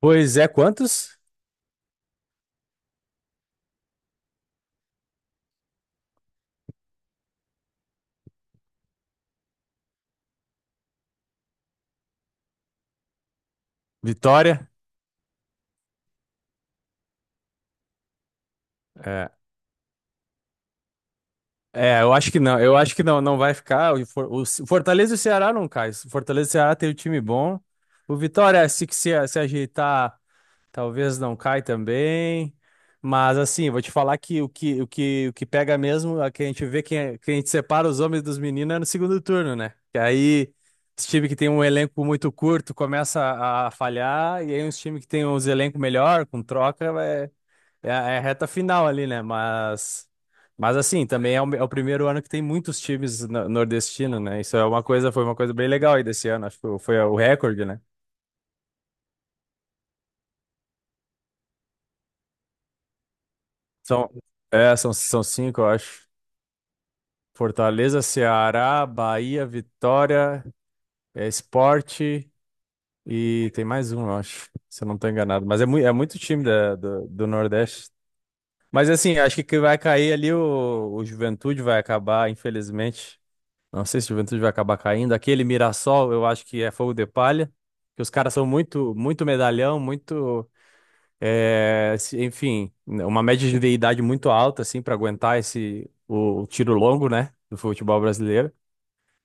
Pois é, quantos? Vitória? É, é, eu acho que não, eu acho que não, não vai ficar. O, For- o Ce- Fortaleza e o Ceará não cai. O Fortaleza e o Ceará tem um time bom. O Vitória, se, que se ajeitar, talvez não cai também. Mas assim, vou te falar que o que pega mesmo, a que a gente vê, quem a gente separa os homens dos meninos é no segundo turno, né? Que aí, os times que tem um elenco muito curto começa a falhar, e aí os times que tem uns elencos melhor, com troca, vai. É, é a reta final ali, né? Mas assim, também é é o primeiro ano que tem muitos times nordestinos, né? Isso é uma coisa, foi uma coisa bem legal aí desse ano. Acho que foi o recorde, né? São, é, são cinco, eu acho. Fortaleza, Ceará, Bahia, Vitória, é, Sport e tem mais um, eu acho, se eu não estou enganado. Mas é, é muito time do Nordeste. Mas assim, acho que vai cair ali o Juventude, vai acabar, infelizmente. Não sei se o Juventude vai acabar caindo. Aquele Mirassol, eu acho que é fogo de palha, que os caras são muito, muito medalhão, muito, enfim, uma média de idade muito alta assim para aguentar esse o tiro longo, né, do futebol brasileiro.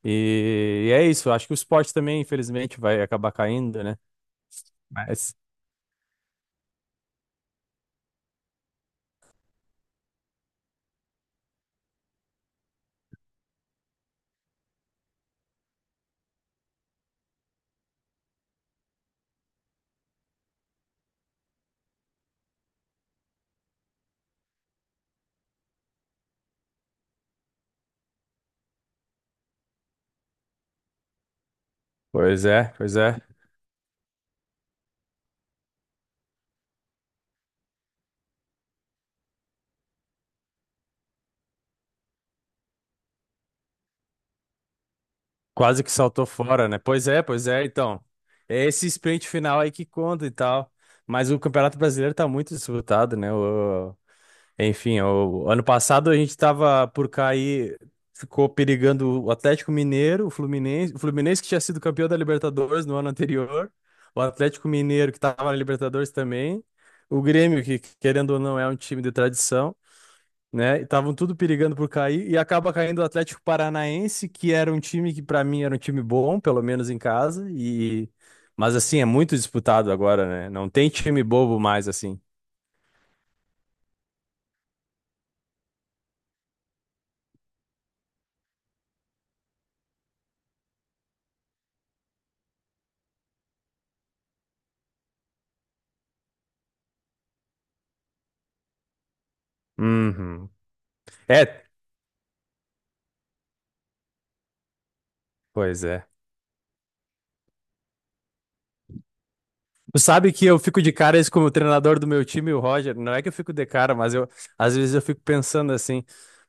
E é isso. Acho que o esporte também, infelizmente, vai acabar caindo, né? Né? Mas, pois é, pois é. Quase que saltou fora, né? Pois é, pois é. Então, é esse sprint final aí que conta e tal. Mas o Campeonato Brasileiro tá muito disputado, né? Enfim, o ano passado a gente estava por cair, ficou perigando o Atlético Mineiro, o Fluminense que tinha sido campeão da Libertadores no ano anterior, o Atlético Mineiro que estava na Libertadores também, o Grêmio que querendo ou não é um time de tradição, né? E estavam tudo perigando por cair e acaba caindo o Atlético Paranaense, que era um time que para mim era um time bom, pelo menos em casa, e mas assim é muito disputado agora, né? Não tem time bobo mais assim. Uhum. É, pois é. Tu sabe que eu fico de cara isso como o treinador do meu time, o Roger. Não é que eu fico de cara, mas eu às vezes eu fico pensando assim,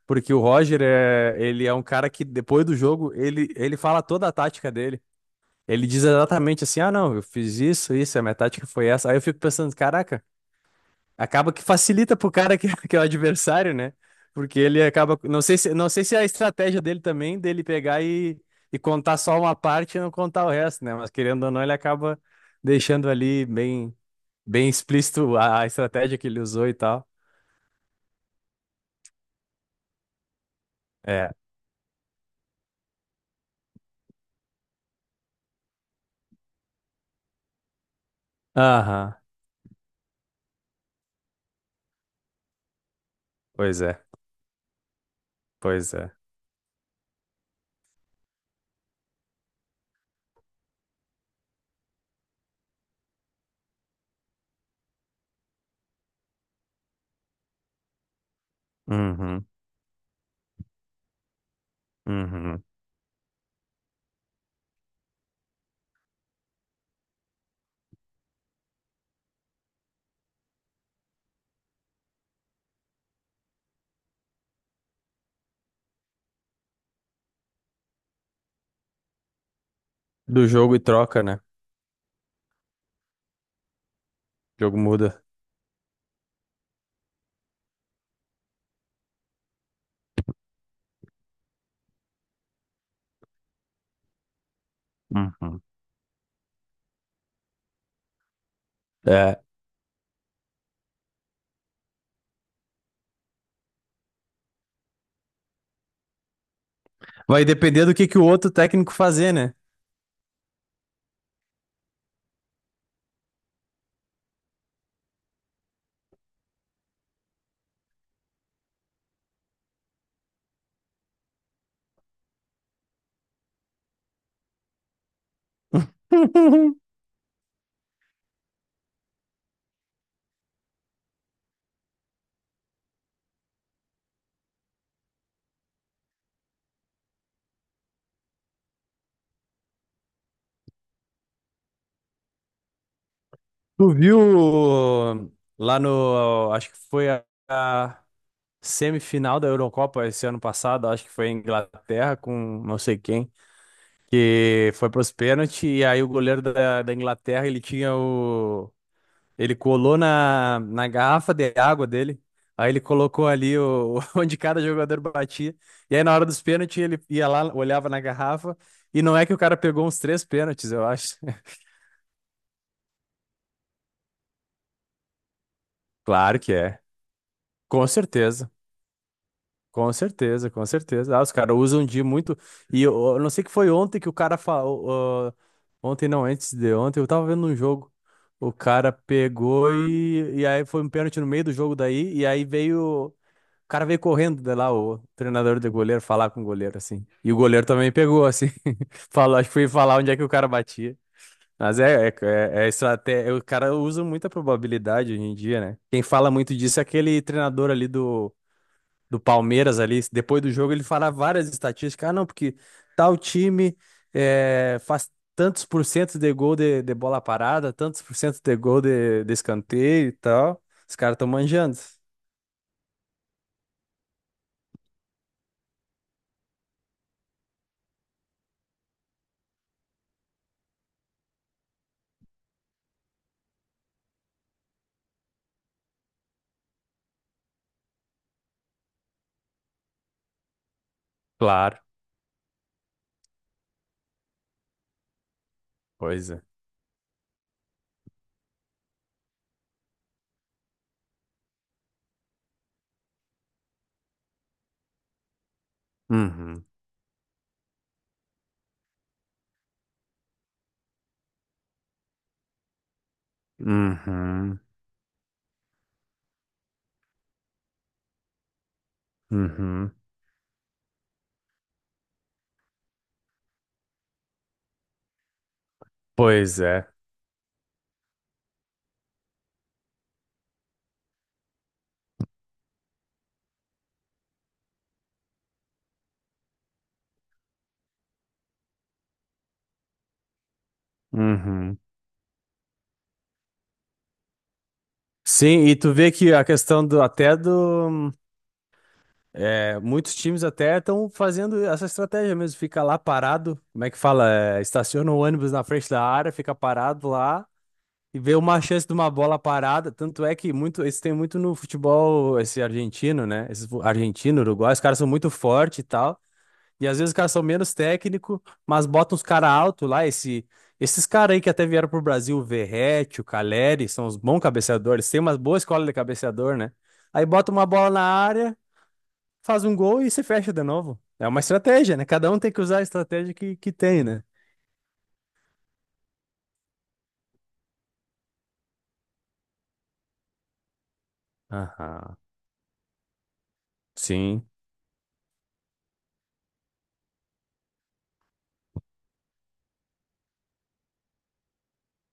porque o Roger é, ele é um cara que depois do jogo, ele fala toda a tática dele. Ele diz exatamente assim: "Ah, não, eu fiz isso, isso, a minha tática foi essa". Aí eu fico pensando, caraca, acaba que facilita pro cara que, que é o adversário, né? Porque ele acaba. Não sei se, não sei se é a estratégia dele também, dele pegar e contar só uma parte e não contar o resto, né? Mas querendo ou não, ele acaba deixando ali bem, bem explícito a estratégia que ele usou e tal. É. Aham. Pois é. Pois é. Uhum. Uhum. Do jogo e troca, né? O jogo muda. Uhum. É. Vai depender do que o outro técnico fazer, né? Tu viu lá no, acho que foi a semifinal da Eurocopa esse ano passado, acho que foi em Inglaterra com não sei quem, que foi pros pênaltis e aí o goleiro da Inglaterra, ele tinha o, ele colou na garrafa de água dele, aí ele colocou ali o, onde cada jogador batia, e aí na hora dos pênaltis ele ia lá, olhava na garrafa, e não é que o cara pegou uns três pênaltis, eu acho. Claro que é, com certeza. Com certeza, com certeza. Ah, os caras usam de muito. E eu não sei que foi ontem que o cara falou. Ah, ontem não, antes de ontem, eu tava vendo um jogo. O cara pegou e aí foi um pênalti no meio do jogo daí. E aí veio. O cara veio correndo de lá, o treinador do goleiro, falar com o goleiro, assim. E o goleiro também pegou, assim. Falou, acho que foi falar onde é que o cara batia. Mas é, é, é, é estratégia. O cara usa muita probabilidade hoje em dia, né? Quem fala muito disso é aquele treinador ali do do Palmeiras ali, depois do jogo, ele fala várias estatísticas. Ah, não, porque tal time faz tantos por cento de gol de bola parada, tantos por cento de gol de escanteio e tal. Os caras estão manjando. Claro, pois é. Uhum, uhum, uhum. Pois é. Uhum. Sim, e tu vê que a questão do até do é, muitos times até estão fazendo essa estratégia mesmo, fica lá parado, como é que fala? É, estaciona o ônibus na frente da área, fica parado lá e vê uma chance de uma bola parada. Tanto é que muito, isso tem muito no futebol, esse argentino, né? Esse argentino, uruguai, os caras são muito fortes e tal. E às vezes os caras são menos técnico, mas botam os caras alto lá, esse, esses caras aí que até vieram pro Brasil, o Verratti, o Caleri, são os bons cabeceadores, tem uma boa escola de cabeceador, né? Aí bota uma bola na área faz um gol e se fecha de novo. É uma estratégia, né? Cada um tem que usar a estratégia que tem, né? Aham. Sim.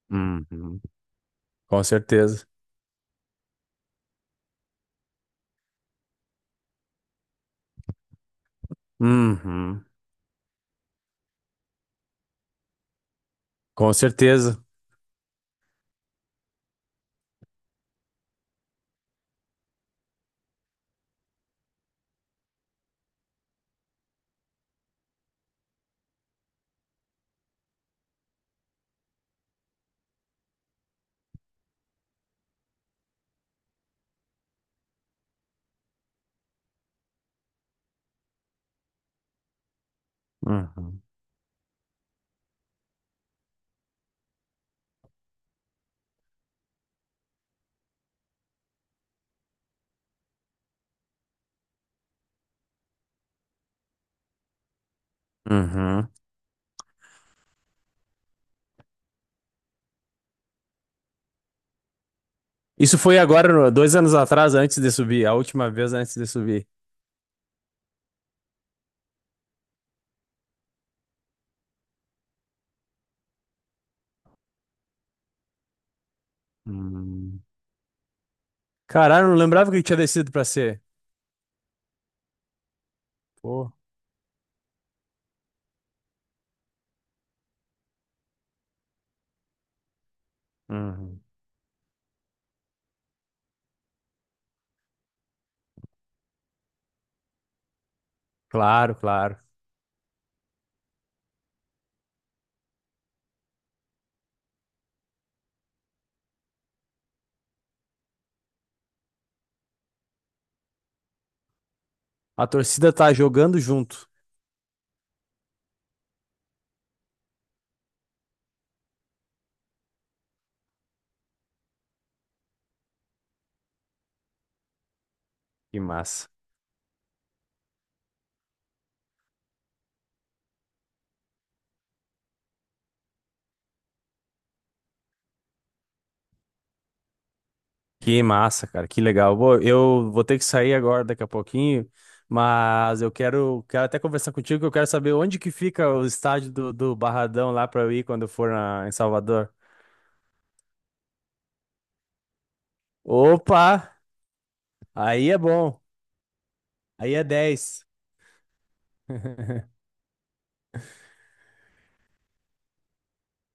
Uhum. Com certeza. Uhum. Com certeza. Uhum. Uhum. Isso foi agora, 2 anos atrás, antes de subir. A última vez antes de subir. Hum. Caralho, não lembrava que tinha descido pra ser. Pô. Uhum. Claro, claro. A torcida tá jogando junto. Que massa. Que massa, cara, que legal. Bom, eu vou ter que sair agora daqui a pouquinho, mas eu quero, quero até conversar contigo, que eu quero saber onde que fica o estádio do, do Barradão lá para eu ir quando eu for em Salvador. Opa, aí é bom, aí é 10.